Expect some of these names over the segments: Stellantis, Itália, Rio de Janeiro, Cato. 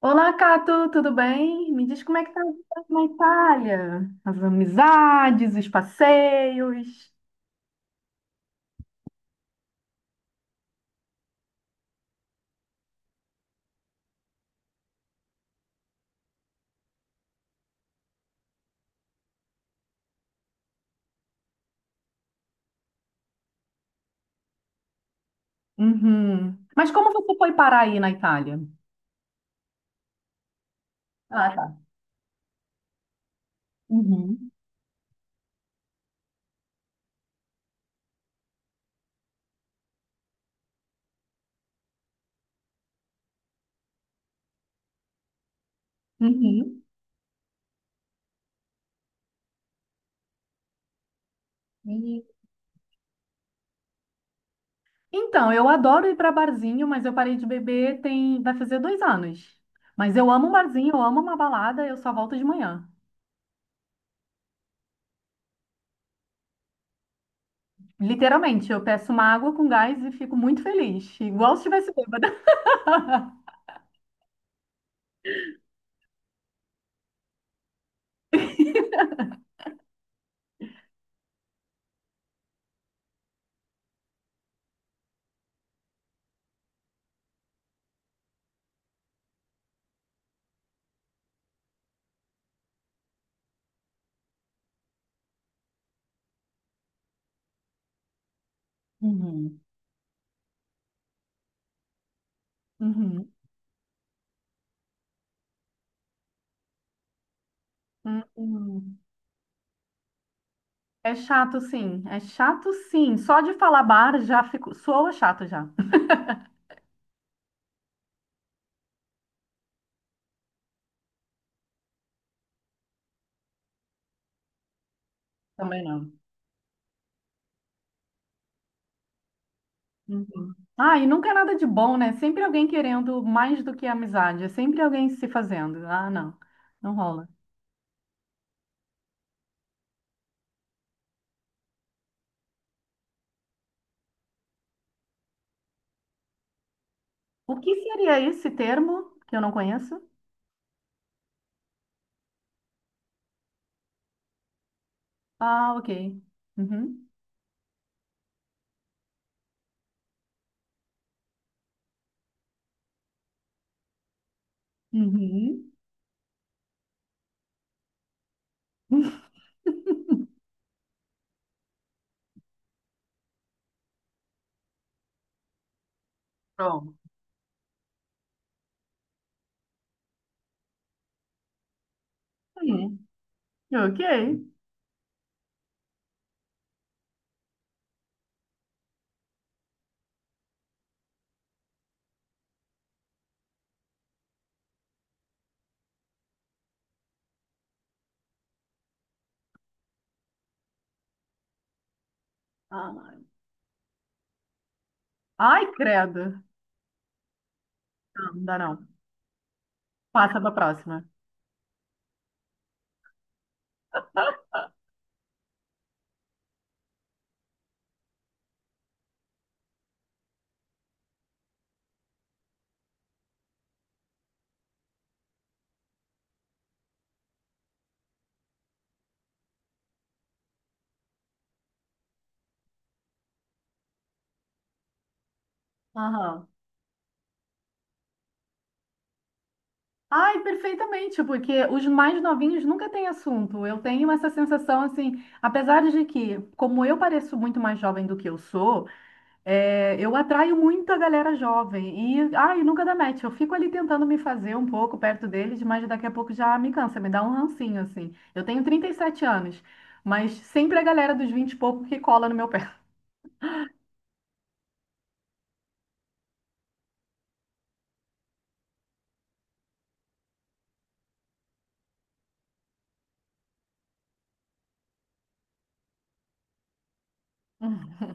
Olá, Cato, tudo bem? Me diz como é que tá a vida na Itália, as amizades, os passeios. Uhum. Mas como você foi parar aí na Itália? Ah, tá. Uhum. Uhum. E- Então, eu adoro ir para barzinho, mas eu parei de beber tem vai fazer 2 anos. Mas eu amo um barzinho, eu amo uma balada, eu só volto de manhã. Literalmente, eu peço uma água com gás e fico muito feliz, igual se estivesse bêbada. Uhum. Uhum. Uhum. É chato, sim. É chato, sim. Só de falar bar já fico, soa chato já. Também não. Uhum. Ah, e nunca é nada de bom, né? Sempre alguém querendo mais do que amizade. É sempre alguém se fazendo. Ah, não. Não rola. O que seria esse termo que eu não conheço? Ah, ok. Uhum. Uhum. Pronto. Uhum. Ok. Ah. Ai, credo. Não, não dá não. Passa para a próxima. Aham. Ai, perfeitamente, porque os mais novinhos nunca têm assunto. Eu tenho essa sensação, assim, apesar de que, como eu pareço muito mais jovem do que eu sou, é, eu atraio muito a galera jovem. E, ai, nunca dá match. Eu fico ali tentando me fazer um pouco perto deles, mas daqui a pouco já me cansa, me dá um rancinho, assim. Eu tenho 37 anos, mas sempre a galera dos 20 e pouco que cola no meu pé. Hum.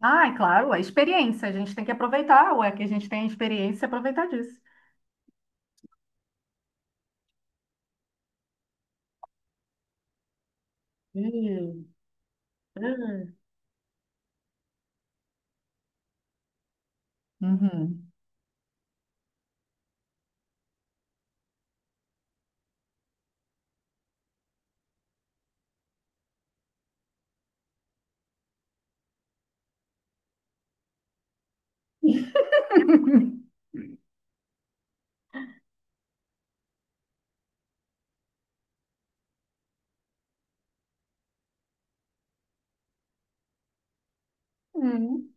Ai, claro, a experiência. A gente tem que aproveitar, ué, que a gente tem a experiência e aproveitar disso. Hum, hum. Uhum. Hum,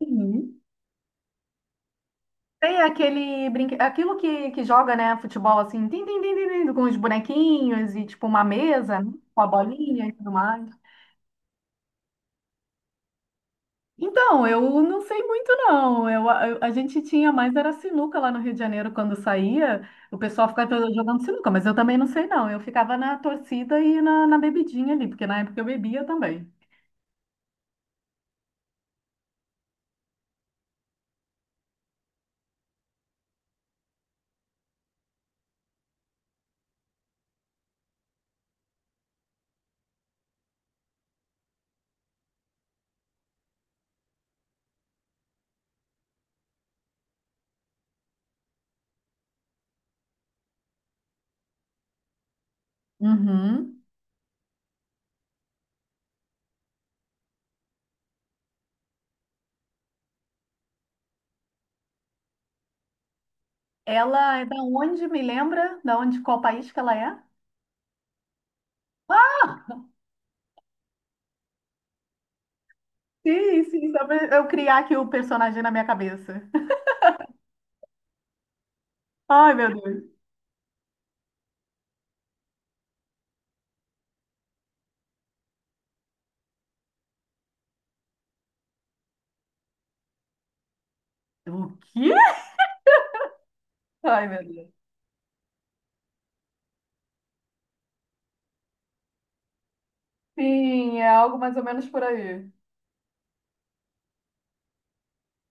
uhum. Tem aquele aquilo que joga, né, futebol assim, tim, tim, tim, tim, tim, com os bonequinhos e tipo uma mesa, né, com a bolinha e tudo mais. Então, eu não sei muito não. A gente tinha mais era sinuca lá no Rio de Janeiro quando saía. O pessoal ficava todo jogando sinuca, mas eu também não sei não. Eu ficava na torcida e na bebidinha ali, porque na época eu bebia também. Uhum. Ela é da onde, me lembra? Da onde, qual país que ela é? Sim, sim, só pra eu criar aqui o personagem na minha cabeça. Ai, meu Deus. O quê? Ai, meu Deus. Sim, é algo mais ou menos por aí.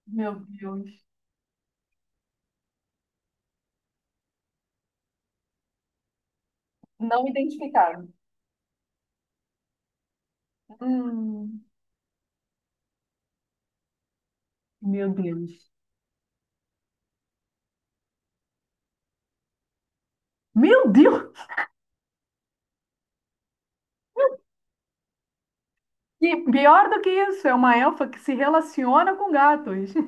Meu Deus. Não identificado. Hum, meu Deus. Meu Deus! E pior do que isso, é uma elfa que se relaciona com gatos.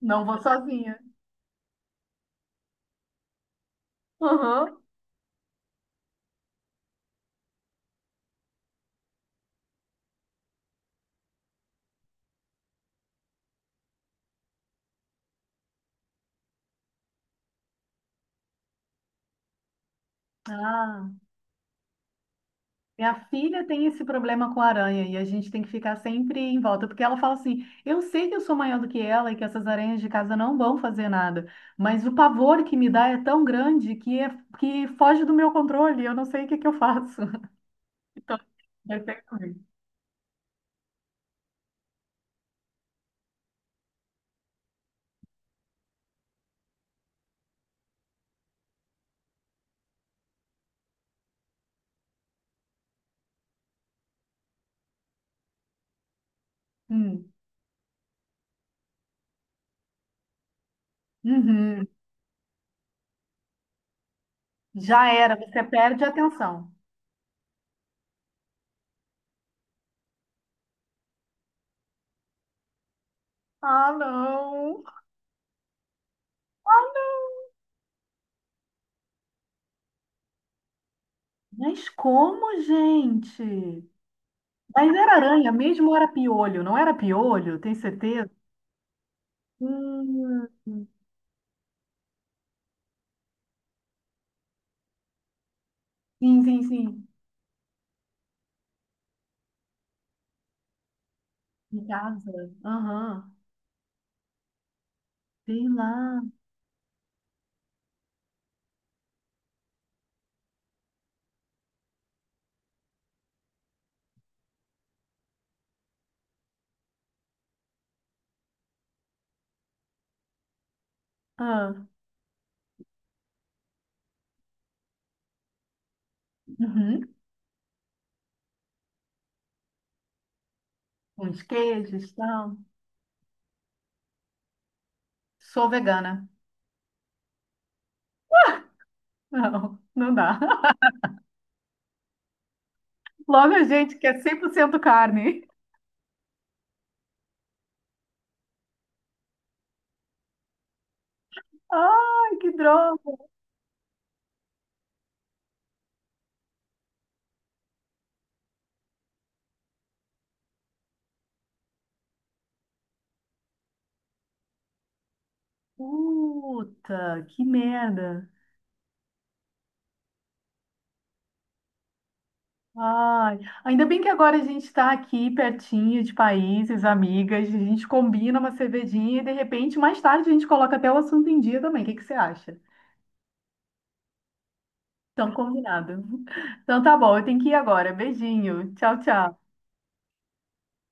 Não vou sozinha. Aham. Ah. Minha filha tem esse problema com aranha e a gente tem que ficar sempre em volta, porque ela fala assim: eu sei que eu sou maior do que ela e que essas aranhas de casa não vão fazer nada, mas o pavor que me dá é tão grande que foge do meu controle, eu não sei o que que eu faço. Então, vai ter comigo. Hum. Uhum. Já era, você perde a atenção. Ah, não. Mas como, gente? Mas era aranha mesmo ou era piolho? Não era piolho? Tem certeza? Hum. Sim, sim, sim. Em casa. Aham. Sei lá. Ah, uhum. Uns queijos, tal. Sou vegana. Não, não dá. Logo a gente que é 100% carne. Ai, que droga. Puta, que merda. Ai, ainda bem que agora a gente está aqui pertinho de países, amigas, a gente combina uma cervejinha e de repente mais tarde a gente coloca até o assunto em dia também. O que que você acha? Então, combinado. Então, tá bom, eu tenho que ir agora. Beijinho. Tchau, tchau.